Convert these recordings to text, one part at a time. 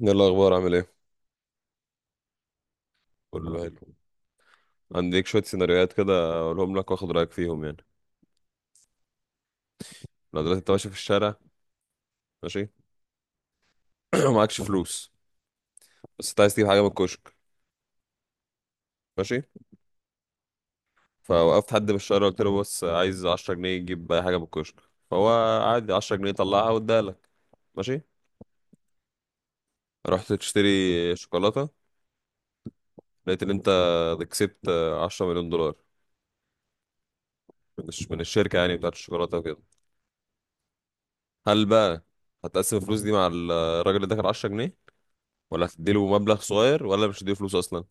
ايه الاخبار؟ عامل ايه؟ كله الحمد حلو لله. عنديك شويه سيناريوهات كده اقولهم لك واخد رايك فيهم يعني. لو دلوقتي انت ماشي في الشارع، ماشي ومعكش فلوس، بس انت عايز تجيب حاجه من الكشك، ماشي. فوقفت حد في الشارع قلت له بص عايز 10 جنيه تجيب اي حاجه من الكشك، فهو عادي 10 جنيه طلعها واداها لك، ماشي. رحت تشتري شوكولاته، لقيت ان انت كسبت 10 مليون دولار من الشركه يعني بتاعت الشوكولاته وكده. هل بقى هتقسم الفلوس دي مع الراجل اللي داخل 10 جنيه، ولا هتديله مبلغ صغير، ولا مش هتديله فلوس اصلا؟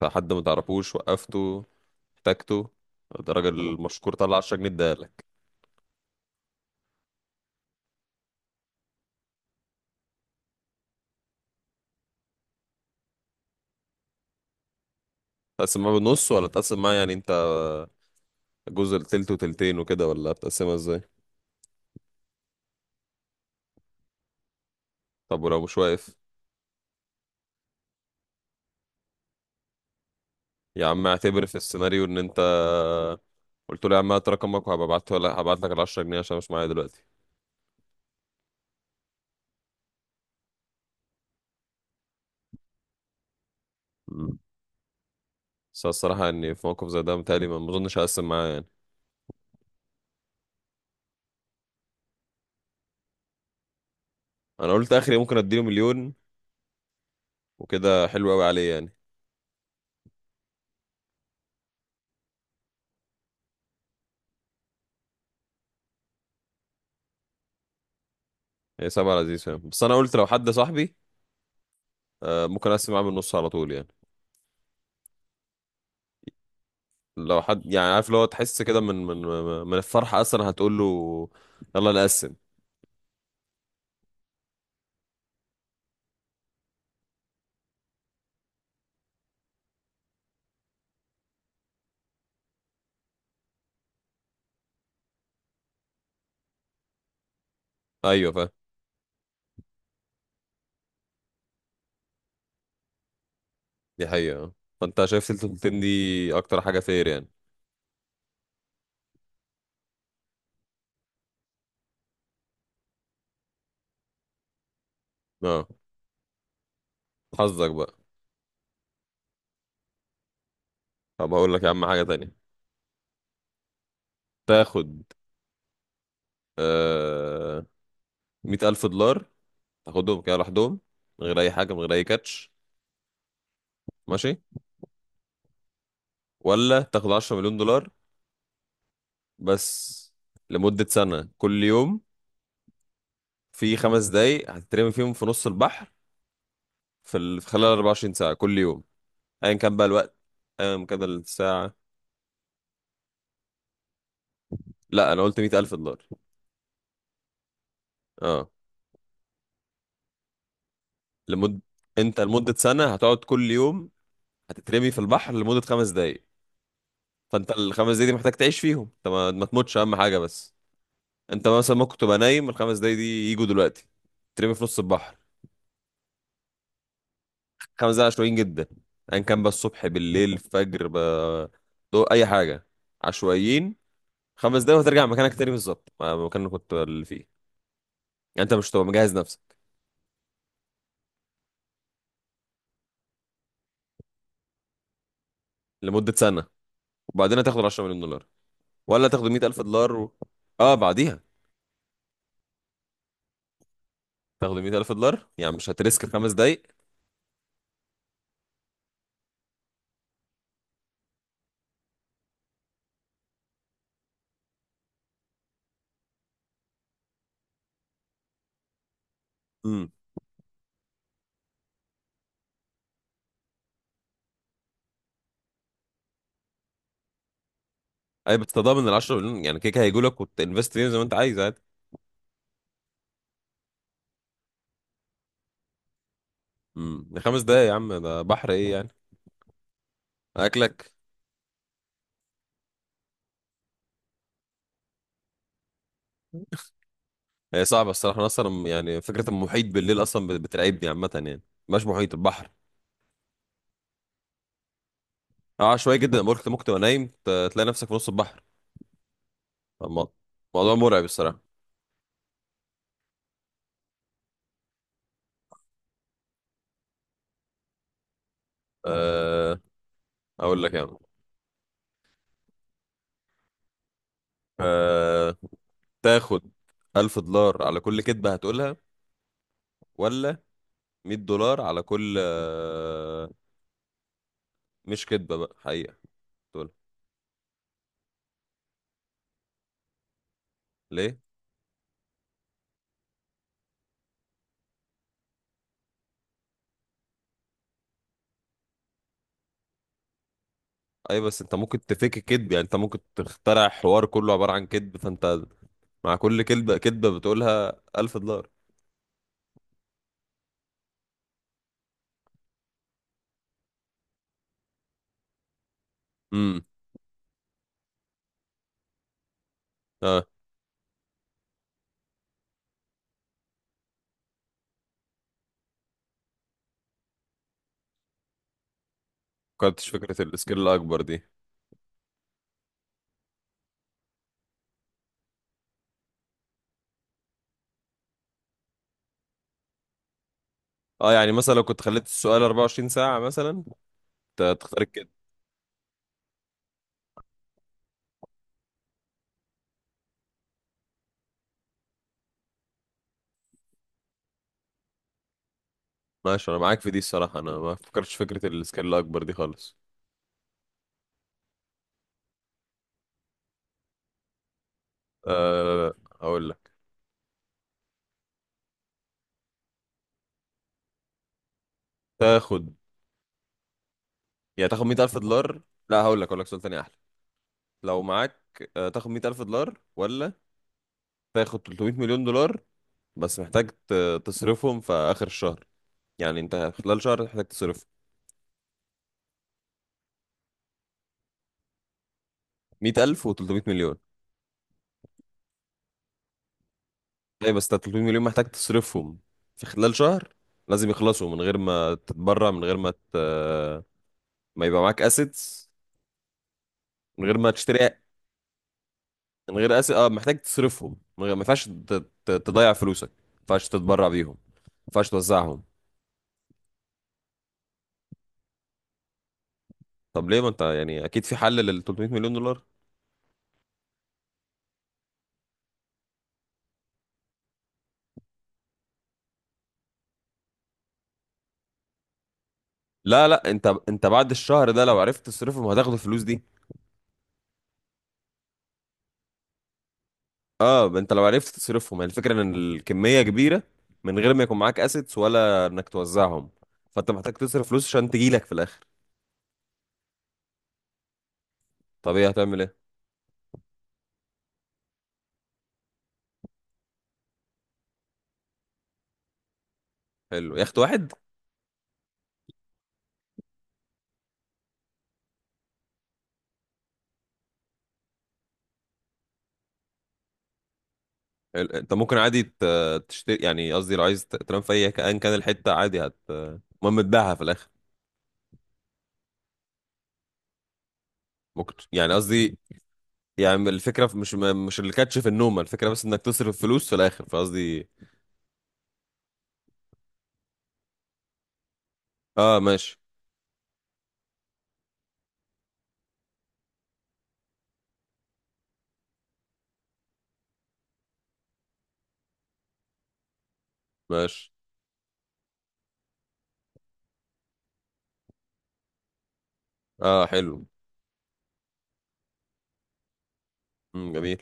فحد ما تعرفوش وقفته، احتاجته، ده راجل مشكور طلع 10 جنيه اداهالك. تقسم معاه بالنص، ولا تقسم معاه يعني انت جزء تلت وتلتين وكده، ولا بتقسمها ازاي؟ طب ولو مش واقف، يا عم اعتبر في السيناريو ان انت قلت له يا عم هات رقمك وهبقى ابعت، ولا هبعت لك ال 10 جنيه عشان مش معايا دلوقتي. مم. بس أنا الصراحه اني في موقف زي ده متهيألي ما اظنش هقسم معاه يعني. انا قلت اخري ممكن اديله مليون وكده حلو قوي عليه يعني. هي سبعة لذيذ فاهم، بس انا قلت لو حد صاحبي، ممكن اقسم معاه بالنص على طول يعني. لو حد يعني عارف اللي هو تحس كده من الفرحة أصلا هتقول له يلا نقسم. أيوة فاهم، دي حقيقة. فأنت شايف سلسلة التين دي أكتر حاجة فير يعني. اه حظك بقى. طب هقول لك يا عم حاجة تانية. تاخد آه مية ألف دولار، تاخدهم كده لوحدهم، من غير أي حاجة، من غير أي كاتش، ماشي، ولا تاخد عشرة مليون دولار بس لمدة سنة كل يوم، في خمس دقايق هتترمي فيهم في نص البحر، في خلال 24 ساعة كل يوم، ايا كان بقى الوقت، ايا كان الساعة. لا انا قلت مية الف دولار. اه. لمد انت لمدة سنة هتقعد كل يوم هتترمي في البحر لمدة خمس دقايق، فانت الخمس دقايق دي محتاج تعيش فيهم، انت ما تموتش اهم حاجة بس. انت مثلا ممكن تبقى نايم الخمس دقايق دي يجوا دلوقتي ترمي في نص البحر. خمس دقايق عشوائيين جدا، ايا كان بقى الصبح بالليل الفجر بقى، اي حاجة. عشوائيين خمس دقايق، وهترجع مكانك تاني بالظبط مكانك كنت اللي فيه يعني، انت مش هتبقى مجهز نفسك. لمدة سنة، وبعدين هتاخد 10 مليون دولار، ولا تاخدوا 100,000 دولار و... اه بعديها. تاخدوا 100,000 دولار يعني مش هتريسك خمس دقايق. امم اي بتتضامن ال 10 مليون يعني كيكه هيجوا لك وتنفست فيهم زي ما انت عايز عادي. ده خمس دقايق يا عم ده بحر ايه يعني؟ اكلك. هي صعبه الصراحه، انا اصلا يعني فكره المحيط بالليل اصلا بترعبني عامه يعني، مش محيط البحر. اه شويه جدا، أبقى قلت ممكن تبقى نايم تلاقي نفسك في نص البحر. الم- الموضوع مرعب الصراحه. أه... اقول لك يعني. أه... تاخد 1000 دولار على كل كذبه هتقولها، ولا 100 دولار على كل مش كدبة بقى، حقيقة. دول ليه؟ اي بس انت ممكن تفك كدب، يعني انت ممكن تخترع حوار كله عبارة عن كدب، فانت مع كل كدبة بتقولها 1000 دولار. امم اه. كنتش فكرة السكيل الاكبر دي. اه يعني مثلا لو كنت خليت السؤال 24 ساعة مثلا تختار الكدب. ماشي انا معاك في دي الصراحة، انا ما فكرتش فكرة السكيل الاكبر دي خالص. أه. هقول لك. تاخد يعني تاخد 100,000 دولار. لا هقول لك، هقول لك سؤال تاني احلى. لو معاك، تاخد مية ألف دولار، ولا تاخد 300 مليون دولار بس محتاج تصرفهم في آخر الشهر، يعني أنت خلال شهر محتاج تصرف مية ألف و300 مليون. أي بس أنت 300 مليون محتاج تصرفهم في خلال شهر، لازم يخلصوا من غير ما تتبرع، من غير ما ت... ما يبقى معاك أسيتس، من غير ما تشتري. من غير أسيت، أه محتاج تصرفهم من غير ما ينفعش ت... تضيع فلوسك، ما ينفعش تتبرع بيهم، ما ينفعش توزعهم. طب ليه؟ ما أنت يعني أكيد في حل لل 300 مليون دولار. لا لا، انت انت بعد الشهر ده لو عرفت تصرفهم هتاخد الفلوس دي. اه ما انت لو عرفت تصرفهم، يعني الفكره ان الكميه كبيره من غير ما يكون معاك اسيتس ولا انك توزعهم، فانت محتاج تصرف فلوس عشان تجيلك في الاخر. طب ايه هتعمل ايه؟ حلو يخت واحد. حلو. انت ممكن عادي تشتري يعني، قصدي لو عايز تنام في اي كان كان الحته عادي هت المهم تبيعها في الاخر. ممكن ت- يعني قصدي، يعني الفكره في- مش مش الكاتش في النوم، الفكره بس انك تصرف فلوس في الاخر، فقصدي اه ماشي. ماشي اه حلو. جميل.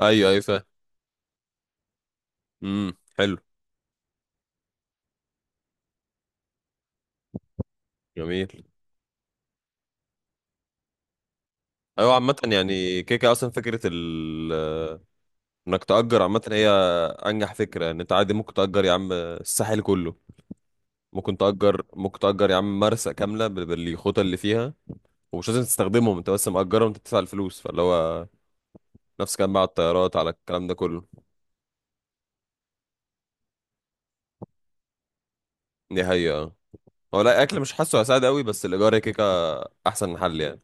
ايوه ايوه فاهم. حلو. جميل. ايوه عامه يعني كيكه اصلا فكره ال انك تأجر عامه، هي انجح فكره. ان انت عادي ممكن تأجر يا عم الساحل كله، ممكن تأجر، ممكن تأجر يا عم مرسى كامله بالخطى اللي فيها، ومش لازم تستخدمهم انت، بس مأجرهم انت بتدفع الفلوس، فاللي هو نفس كان بقى على الطيارات، على الكلام ده كله. دي حقيقه. هو لا اكل مش حاسه هيساعد قوي، بس الايجار هي كيكه، احسن حل يعني.